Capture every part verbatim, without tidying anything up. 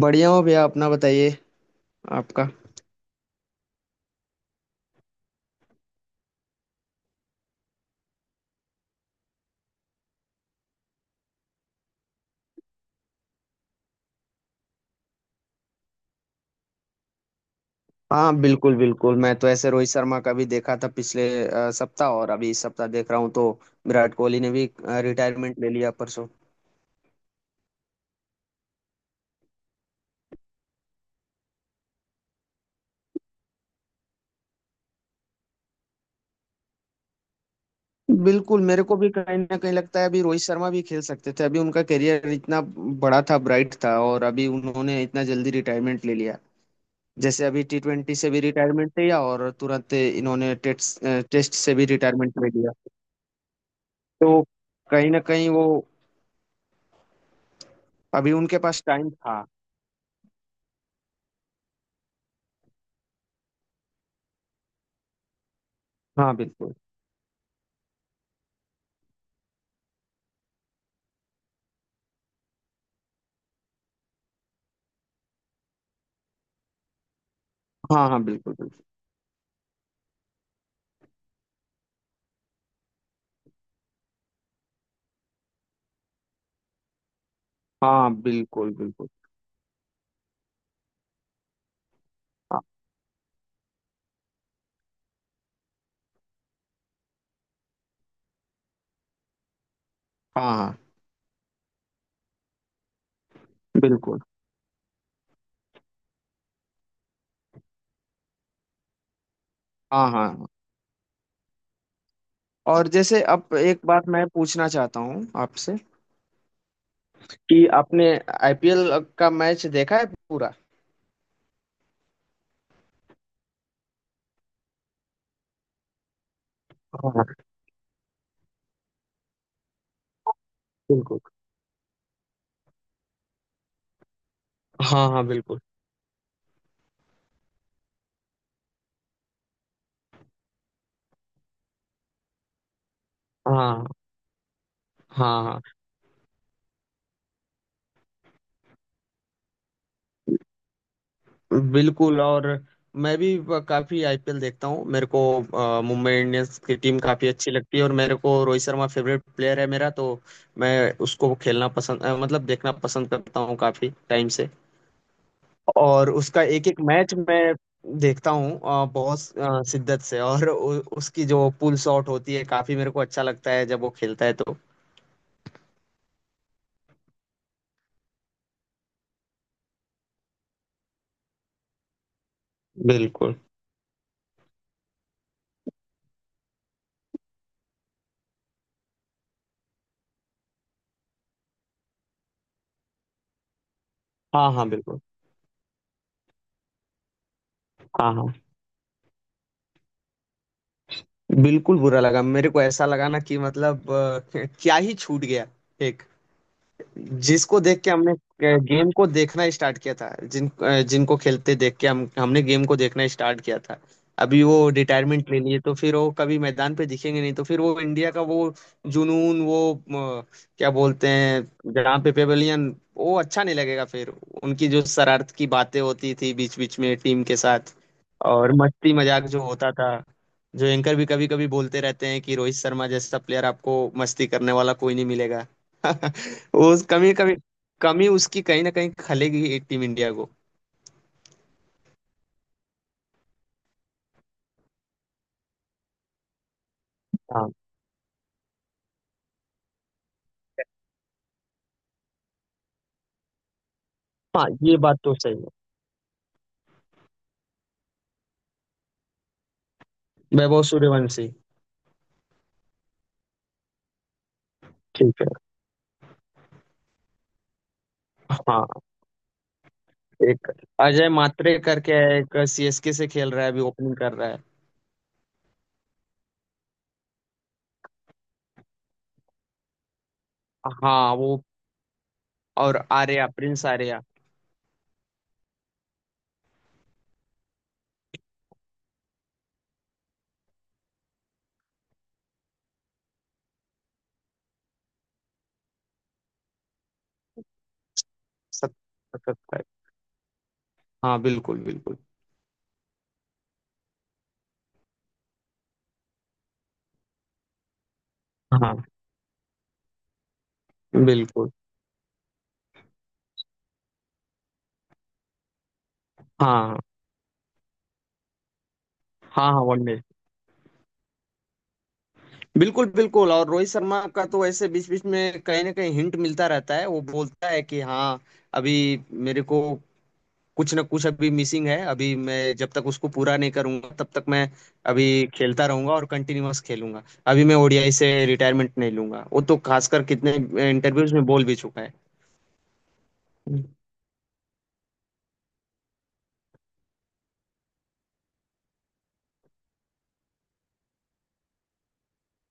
बढ़िया हो भैया, अपना बताइए। आपका? हाँ बिल्कुल बिल्कुल, मैं तो ऐसे रोहित शर्मा का भी देखा था पिछले अ, सप्ताह, और अभी इस सप्ताह देख रहा हूँ, तो विराट कोहली ने भी रिटायरमेंट ले लिया परसों। बिल्कुल, मेरे को भी कहीं ना कहीं लगता है अभी रोहित शर्मा भी खेल सकते थे, अभी उनका करियर इतना बड़ा था, ब्राइट था, और अभी उन्होंने इतना जल्दी रिटायरमेंट ले लिया। जैसे अभी टी ट्वेंटी से भी रिटायरमेंट लिया, और तुरंत इन्होंने टेस्ट टेस्ट से भी रिटायरमेंट ले लिया। तो कहीं ना कहीं वो, अभी उनके पास टाइम था। हाँ बिल्कुल। हाँ हाँ बिल्कुल बिल्कुल। हाँ बिल्कुल बिल्कुल। हाँ हाँ बिल्कुल। हाँ हाँ हाँ। और जैसे अब एक बात मैं पूछना चाहता हूँ आपसे, कि आपने आई पी एल का मैच देखा है पूरा? हाँ बिल्कुल। हाँ हाँ बिल्कुल। हाँ हाँ हाँ। बिल्कुल। और मैं भी काफी आई पी एल देखता हूँ, मेरे को अ, मुंबई इंडियंस की टीम काफी अच्छी लगती है, और मेरे को रोहित शर्मा फेवरेट प्लेयर है मेरा, तो मैं उसको खेलना पसंद अ, मतलब देखना पसंद करता हूँ काफी टाइम से। और उसका एक एक मैच मैं देखता हूँ अ, बहुत अ, शिद्दत से, और उ, उसकी जो पुल शॉट होती है काफी मेरे को अच्छा लगता है जब वो खेलता है तो। बिल्कुल। हाँ हाँ बिल्कुल। हाँ हाँ बिल्कुल बुरा लगा, मेरे को ऐसा लगा ना कि मतलब, अ, क्या ही छूट गया, एक जिसको देख के हमने गेम को देखना स्टार्ट किया था, जिन अ, जिनको खेलते देख के हम हमने गेम को देखना स्टार्ट किया था। अभी वो रिटायरमेंट ले लिए तो फिर वो कभी मैदान पे दिखेंगे नहीं, तो फिर वो इंडिया का वो जुनून, वो अ, क्या बोलते हैं जहाँ पे, पेवेलियन, वो अच्छा नहीं लगेगा फिर। उनकी जो शरारत की बातें होती थी बीच बीच में टीम के साथ, और मस्ती मजाक जो होता था, जो एंकर भी कभी कभी बोलते रहते हैं कि रोहित शर्मा जैसा प्लेयर आपको मस्ती करने वाला कोई नहीं मिलेगा। उस कमी कमी कमी उसकी कहीं ना कहीं खलेगी ही टीम इंडिया को। हाँ हाँ, ये बात तो सही है। वैभव सूर्यवंशी। ठीक है। हाँ, एक अजय मात्रे करके है, एक सी एस के से खेल रहा है, अभी ओपनिंग कर रहा है। हाँ वो। और आर्या, प्रिंस आर्या। सत, सत, हाँ बिल्कुल बिल्कुल। हाँ बिल्कुल। हाँ हाँ हाँ वनडे। बिल्कुल बिल्कुल। और रोहित शर्मा का तो ऐसे बीच बीच में कहीं ना कहीं हिंट मिलता रहता है, वो बोलता है कि हाँ, अभी मेरे को कुछ ना कुछ अभी मिसिंग है, अभी मैं जब तक उसको पूरा नहीं करूंगा तब तक मैं अभी खेलता रहूंगा और कंटिन्यूअस खेलूंगा, अभी मैं ओ डी आई से रिटायरमेंट नहीं लूंगा, वो तो खासकर कितने इंटरव्यूज में बोल भी चुका है।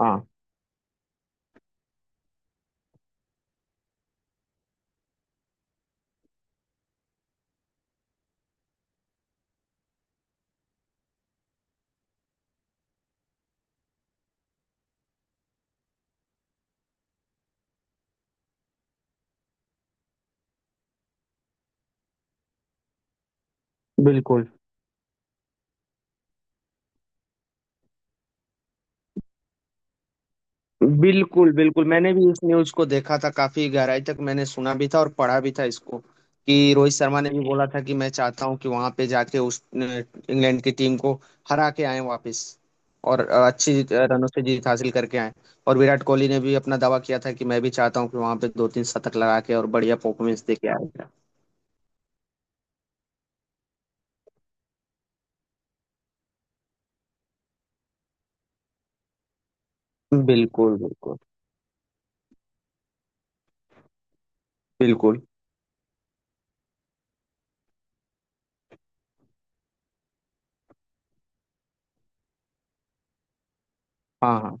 हाँ बिल्कुल बिल्कुल। बिल्कुल मैंने भी इस न्यूज को देखा था काफी गहराई तक, मैंने सुना भी था और पढ़ा भी था इसको, कि रोहित शर्मा ने भी बोला था कि मैं चाहता हूं कि वहां पे जाके उस अ, इंग्लैंड की टीम को हरा के आए वापस, और अ, अच्छी जीत- अ, रनों से जीत हासिल करके आए। और विराट कोहली ने भी अपना दावा किया था कि मैं भी चाहता हूँ कि वहां पे दो तीन शतक लगा के और बढ़िया परफॉर्मेंस दे के आएगा। बिल्कुल बिल्कुल। बिल्कुल। हाँ हाँ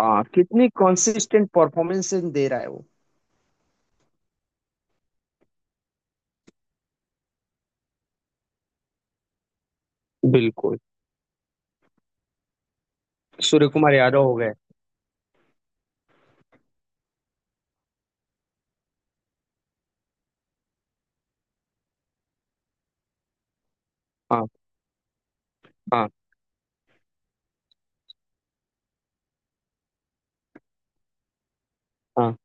हाँ, कितनी कॉन्सिस्टेंट परफॉर्मेंस दे रहा है वो। बिल्कुल। सूर्य कुमार यादव हो गए। हाँ हाँ हाँ।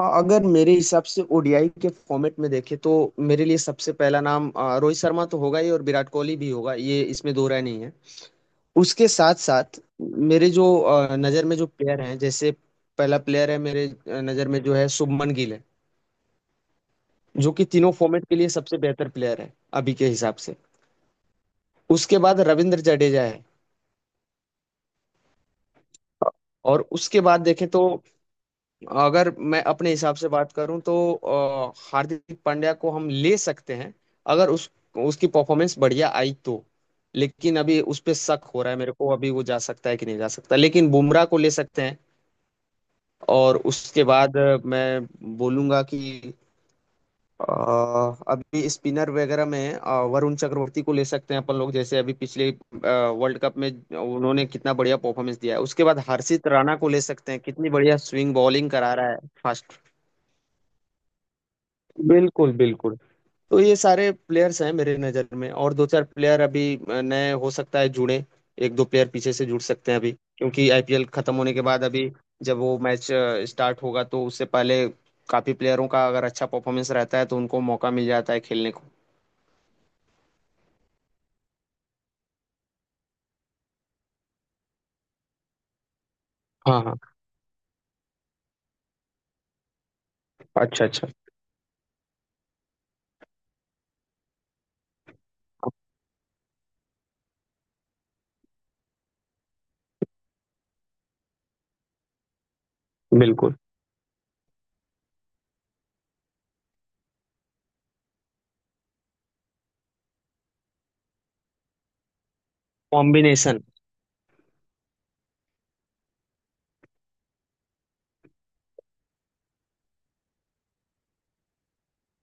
हाँ, अगर मेरे हिसाब से ओ डी आई के फॉर्मेट में देखें तो, मेरे लिए सबसे पहला नाम अ, रोहित शर्मा तो होगा ही, और विराट कोहली भी होगा, ये इसमें दो राय नहीं है। उसके साथ साथ मेरे जो अ, नज़र में जो प्लेयर हैं, जैसे पहला प्लेयर है मेरे अ, नज़र में, जो है शुभमन गिल है, जो कि तीनों फॉर्मेट के लिए सबसे बेहतर प्लेयर है अभी के हिसाब से। उसके बाद रविंद्र जडेजा है। और उसके बाद देखें तो, अगर मैं अपने हिसाब से बात करूं तो अ, हार्दिक पांड्या को हम ले सकते हैं, अगर उस उसकी परफॉर्मेंस बढ़िया आई तो। लेकिन अभी उस पे शक हो रहा है मेरे को, अभी वो जा सकता है कि नहीं जा सकता, लेकिन बुमराह को ले सकते हैं। और उसके बाद अ, मैं बोलूंगा कि अ, अभी स्पिनर वगैरह में अ, वरुण चक्रवर्ती को ले सकते हैं अपन लोग, जैसे अभी पिछले वर्ल्ड कप में उन्होंने कितना बढ़िया परफॉर्मेंस दिया है, उसके बाद हर्षित राणा को ले सकते हैं, कितनी बढ़िया स्विंग बॉलिंग करा रहा है फास्ट। बिल्कुल बिल्कुल। तो ये सारे प्लेयर्स हैं मेरे नज़र में, और दो चार प्लेयर अभी अ, नए हो सकता है जुड़े, एक दो प्लेयर पीछे से जुड़ सकते हैं अभी, क्योंकि आई पी एल खत्म होने के बाद अभी जब वो मैच स्टार्ट होगा तो उससे पहले काफी प्लेयरों का अगर अच्छा परफॉर्मेंस रहता है तो उनको मौका मिल जाता है खेलने को। हाँ हाँ अच्छा अच्छा। बिल्कुल। कॉम्बिनेशन।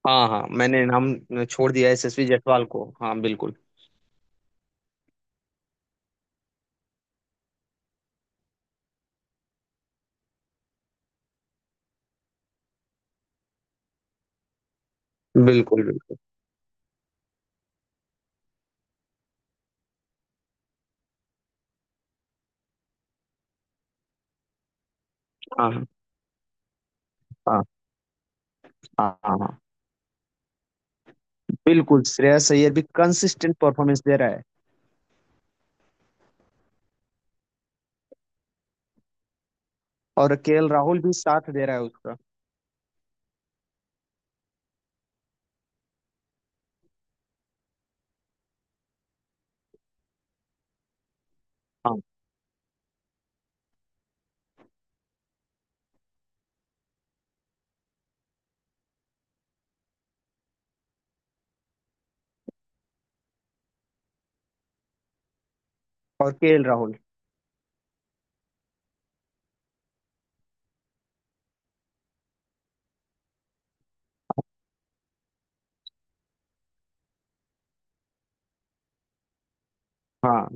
हाँ हाँ, मैंने नाम छोड़ दिया यशस्वी जायसवाल को, हाँ बिल्कुल। बिल्कुल बिल्कुल। हाँ हाँ हाँ हाँ हाँ। बिल्कुल, श्रेयस अय्यर भी कंसिस्टेंट परफॉर्मेंस दे रहा है। और के एल राहुल भी साथ दे रहा है उसका। हाँ, और के एल राहुल। हाँ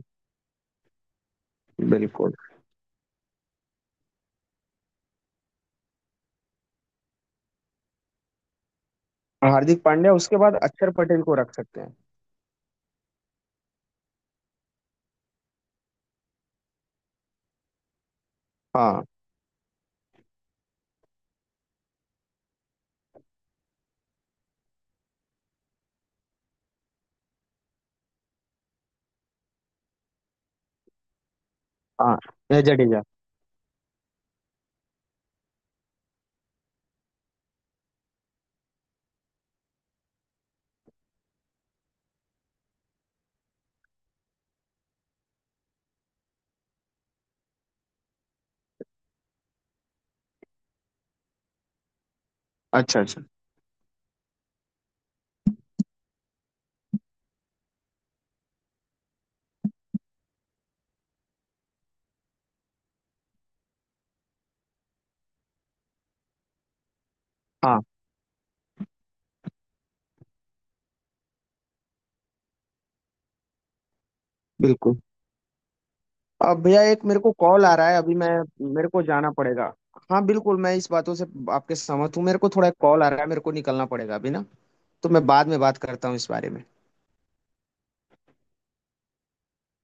बिल्कुल। और हार्दिक पांड्या, उसके बाद अक्षर पटेल को रख सकते हैं। हाँ हाँ, या जडेजा। अच्छा अच्छा। हाँ बिल्कुल। अब भैया एक मेरे को कॉल आ रहा है, अभी मैं, मेरे को जाना पड़ेगा। हाँ बिल्कुल, मैं इस बातों से आपके सहमत हूँ, मेरे को थोड़ा कॉल आ रहा है, मेरे को निकलना पड़ेगा अभी ना। तो मैं बाद में बात करता हूँ इस बारे में।